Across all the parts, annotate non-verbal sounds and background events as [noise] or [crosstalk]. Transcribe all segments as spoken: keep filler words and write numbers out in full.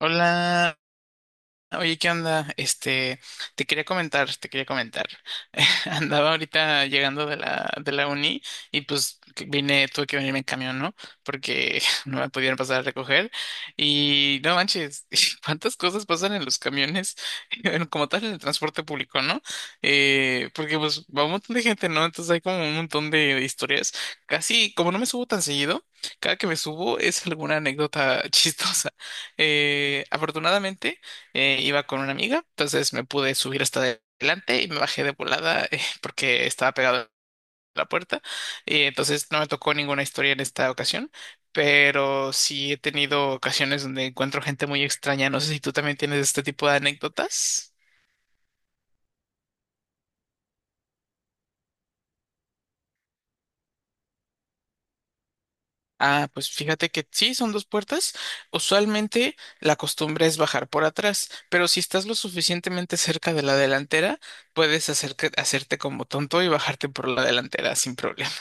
Hola. Oye, ¿qué onda? Este, te quería comentar, te quería comentar. [laughs] Andaba ahorita llegando de la, de la uni y pues que vine, tuve que venirme en camión, ¿no? Porque [laughs] no me pudieron pasar a recoger. Y no manches, [laughs] cuántas cosas pasan en los camiones, [laughs] bueno, como tal en el transporte público, ¿no? Eh, porque pues va un montón de gente, ¿no? Entonces hay como un montón de historias. Casi, como no me subo tan seguido, cada que me subo es alguna anécdota [laughs] chistosa. Eh, afortunadamente eh, iba con una amiga, entonces me pude subir hasta adelante y me bajé de volada eh, [laughs] porque estaba pegado a la puerta. Y entonces no me tocó ninguna historia en esta ocasión, pero sí he tenido ocasiones donde encuentro gente muy extraña. No sé si tú también tienes este tipo de anécdotas. Ah, pues fíjate que sí, son dos puertas. Usualmente la costumbre es bajar por atrás, pero si estás lo suficientemente cerca de la delantera, puedes hacer- hacerte como tonto y bajarte por la delantera sin problema.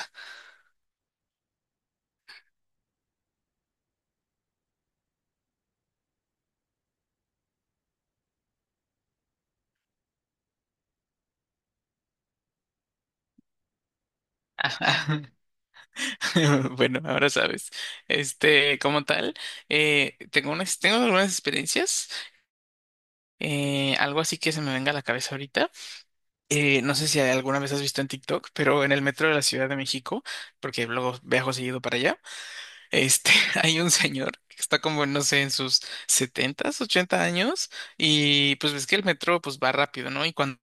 [laughs] [laughs] Bueno, ahora sabes. Este, como tal, eh, tengo unas, tengo algunas experiencias, eh, algo así que se me venga a la cabeza ahorita. Eh, no sé si alguna vez has visto en TikTok, pero en el metro de la Ciudad de México, porque luego viajo seguido para allá, este, [laughs] hay un señor que está como, no sé, en sus setenta ochenta años, y pues ves que el metro pues va rápido, ¿no? Y cuando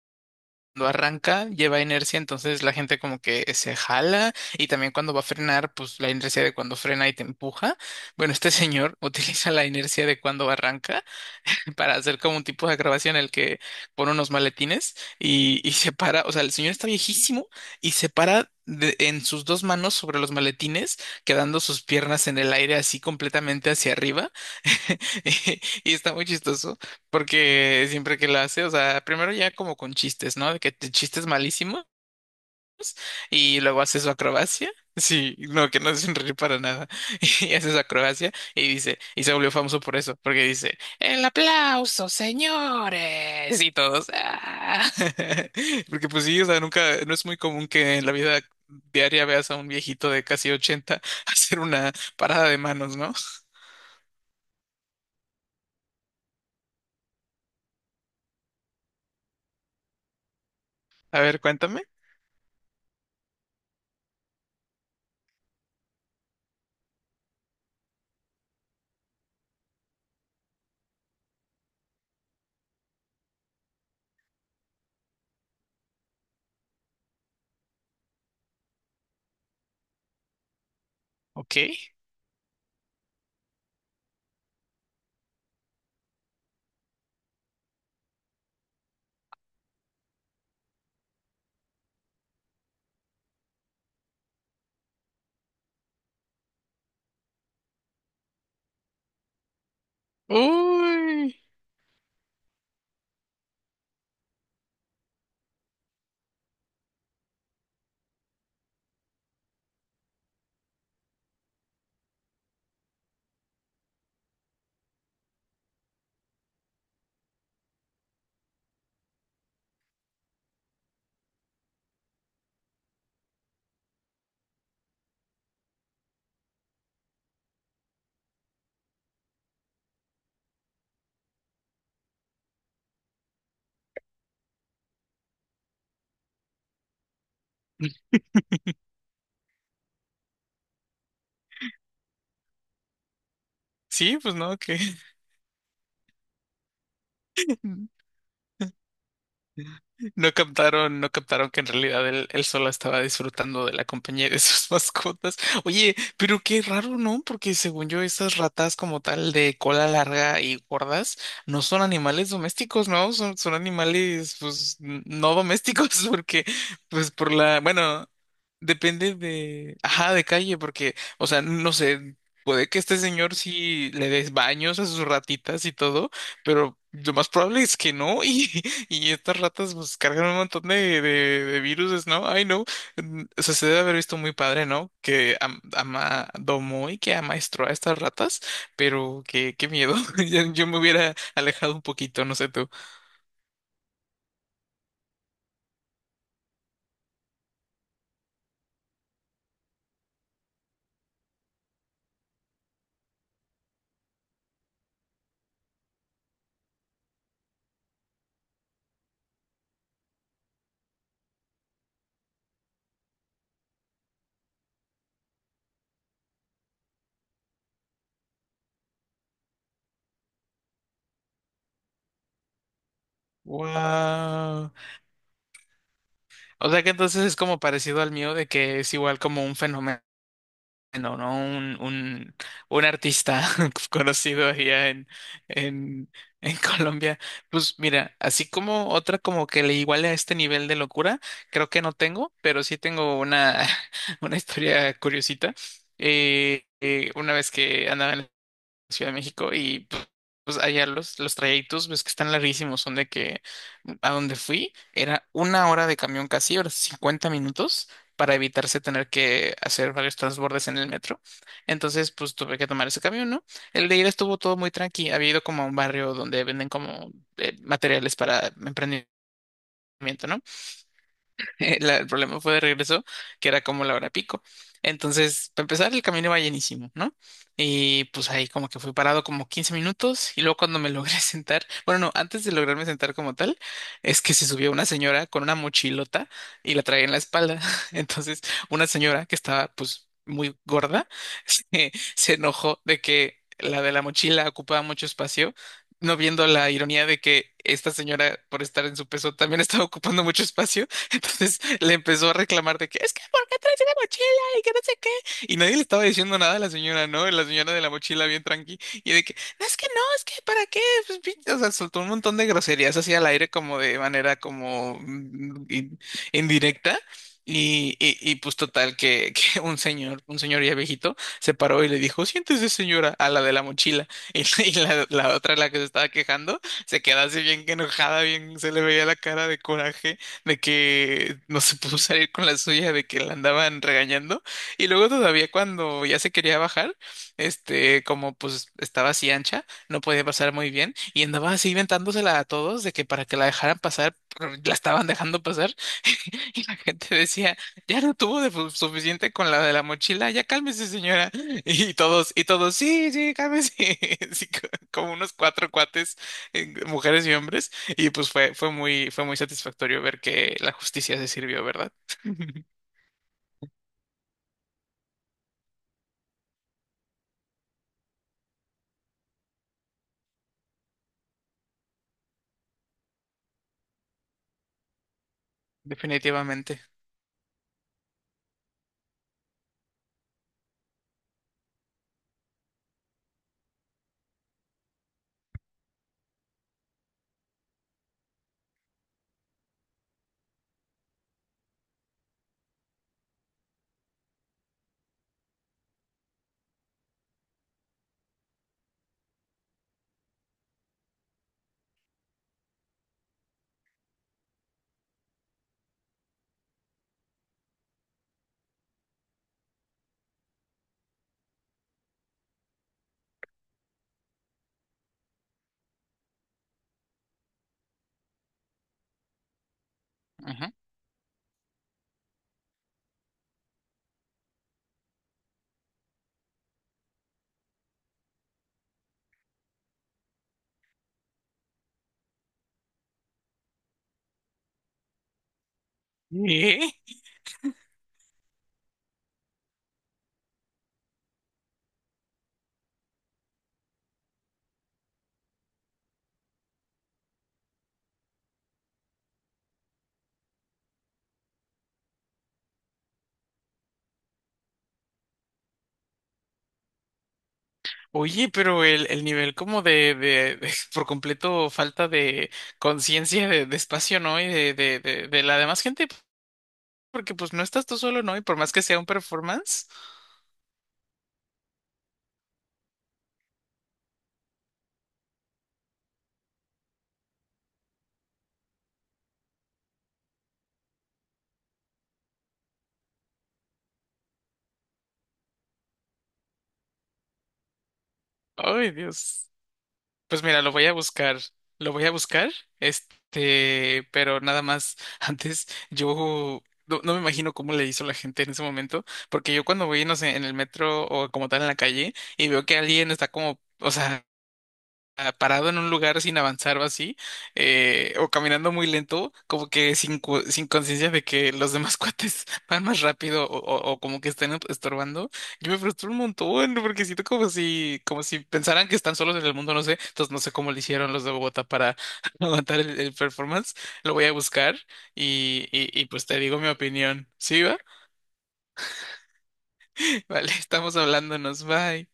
cuando arranca lleva inercia, entonces la gente como que se jala y también cuando va a frenar, pues la inercia de cuando frena y te empuja. Bueno, este señor [laughs] utiliza la inercia de cuando arranca [laughs] para hacer como un tipo de grabación en el que pone unos maletines y, y [laughs] se para, o sea, el señor está viejísimo y se para de- en sus dos manos sobre los maletines, quedando sus piernas en el aire así completamente hacia arriba. [laughs] Y está muy chistoso porque siempre que lo hace, o sea, primero ya como con chistes, ¿no? De que chistes malísimos y luego hace su acrobacia. Sí, no, que no es sonreír para nada. [laughs] Y hace su acrobacia y dice, y se volvió famoso por eso, porque dice, el aplauso, señores, y todos. "Ah". [laughs] Porque pues sí, o sea, nunca, no es muy común que en la vida diaria veas a un viejito de casi ochenta [laughs] hacer una parada de manos, ¿no? A ver, cuéntame. Ok. Uy. Sí, pues no, que [laughs] No captaron, no captaron que en realidad él, él solo estaba disfrutando de la compañía de sus [laughs] mascotas. Oye, pero qué raro, ¿no? Porque según yo, esas ratas como tal de cola larga y gordas no son animales domésticos, ¿no? Son, son animales, pues, n- no domésticos, [laughs] porque, pues, por la, bueno, depende de, ajá, de calle, porque, o sea, no sé. Puede que este señor sí le des baños a sus ratitas y todo, pero lo más probable es que no. [laughs] Y estas ratas pues cargan un montón de, de, de viruses, ¿no? Ay, no. Mm, O sea, se debe haber visto muy padre, ¿no? Que am- ama, domó y que amaestró a estas ratas, pero qué, qué miedo. [laughs] Ya- Yo me hubiera alejado un poquito, no sé tú. Wow. O sea que entonces es como parecido al mío de que es igual como un fenómeno. No, no, un, un, un artista [laughs] conocido allá en, en, en Colombia. Pues mira, así como otra como que le iguale a este nivel de locura, creo que no tengo, pero sí tengo una, [laughs] una historia curiosita. Eh, eh, una vez que andaba en Ciudad de México y pues, pues, allá los, los trayectos ves que están larguísimos, son de que a donde fui era una hora de camión casi, ahora sí, cincuenta minutos para evitarse tener que hacer varios transbordes en el metro. Entonces pues tuve que tomar ese camión, ¿no? El de ida estuvo todo muy tranqui, había ido como a un barrio donde venden como eh, materiales para emprendimiento, ¿no? [laughs] La- el problema fue de regreso, que era como la hora pico. Entonces, para empezar, el camino iba llenísimo, ¿no? Y pues ahí como que fui parado como quince minutos y luego cuando me logré [laughs] sentar, bueno, no, antes de lograrme sentar como tal, es que se subió una señora con una mochilota y la traía en la espalda. [laughs] Entonces, una señora que estaba pues muy gorda, [laughs] se, se enojó de que la de la mochila ocupaba mucho espacio, no viendo la ironía de que esta señora, por estar en su peso, también estaba ocupando mucho espacio. [laughs] Entonces le empezó a reclamar de que es que ¿por qué traes una mochila? Y que no sé qué. Y nadie le estaba diciendo nada a la señora, ¿no? La señora de la mochila bien tranqui. Y de que, no, es que no, es que ¿para qué? Pues, pin-". o sea, soltó un montón de groserías así al aire como de manera como mm, in- indirecta. Y, y, y, pues total que, [laughs] que un señor, un señor ya viejito, se paró y le dijo, siéntese señora, a la de la mochila. [laughs] Y, la, y la, la otra, la que se estaba quejando, se quedó así bien enojada, bien se le veía la cara de coraje de que no se pudo salir con la suya, de que la andaban regañando. Y luego todavía cuando ya se quería bajar, este, como pues estaba así ancha, no podía pasar muy bien y andaba así inventándosela a todos de que para que la dejaran pasar, pero la estaban dejando pasar y la gente decía, ya no tuvo de fu- suficiente con la de la mochila, ya cálmese, señora. [gasps] Y todos, y todos, sí, sí, cálmese. [laughs] Sí, co- como unos cuatro cuates, eh, mujeres y hombres. Y pues fue, fue muy, fue muy satisfactorio ver que la justicia se sirvió, ¿verdad? [laughs] Definitivamente. Ajá. ¿Eh? Oye, pero el, el nivel como de, de, de- [laughs] por completo falta de conciencia de, de espacio, ¿no? Y de, de, de, de la demás gente, porque pues no estás tú solo, ¿no? Y por más que sea un performance, ay, Dios. Pues mira, lo voy a buscar, lo voy a buscar, este, pero nada más, [laughs] antes yo no, no me imagino cómo le hizo la gente en ese momento, porque yo cuando voy, no sé, en el metro o como tal en la calle y veo que alguien está como, o sea... ah, parado en un lugar sin avanzar o así, eh, o caminando muy lento, como que sin, cu- sin conciencia de que los demás [laughs] cuates van más rápido o, o- o como que están estorbando, yo me frustro un montón porque siento como si, como si pensaran que están solos en el mundo, no sé, entonces no sé cómo le hicieron los de Bogotá para [laughs] aguantar el, el performance, lo voy a buscar y, y, y pues te digo mi opinión, ¿sí va? [laughs] Vale, estamos hablándonos, bye.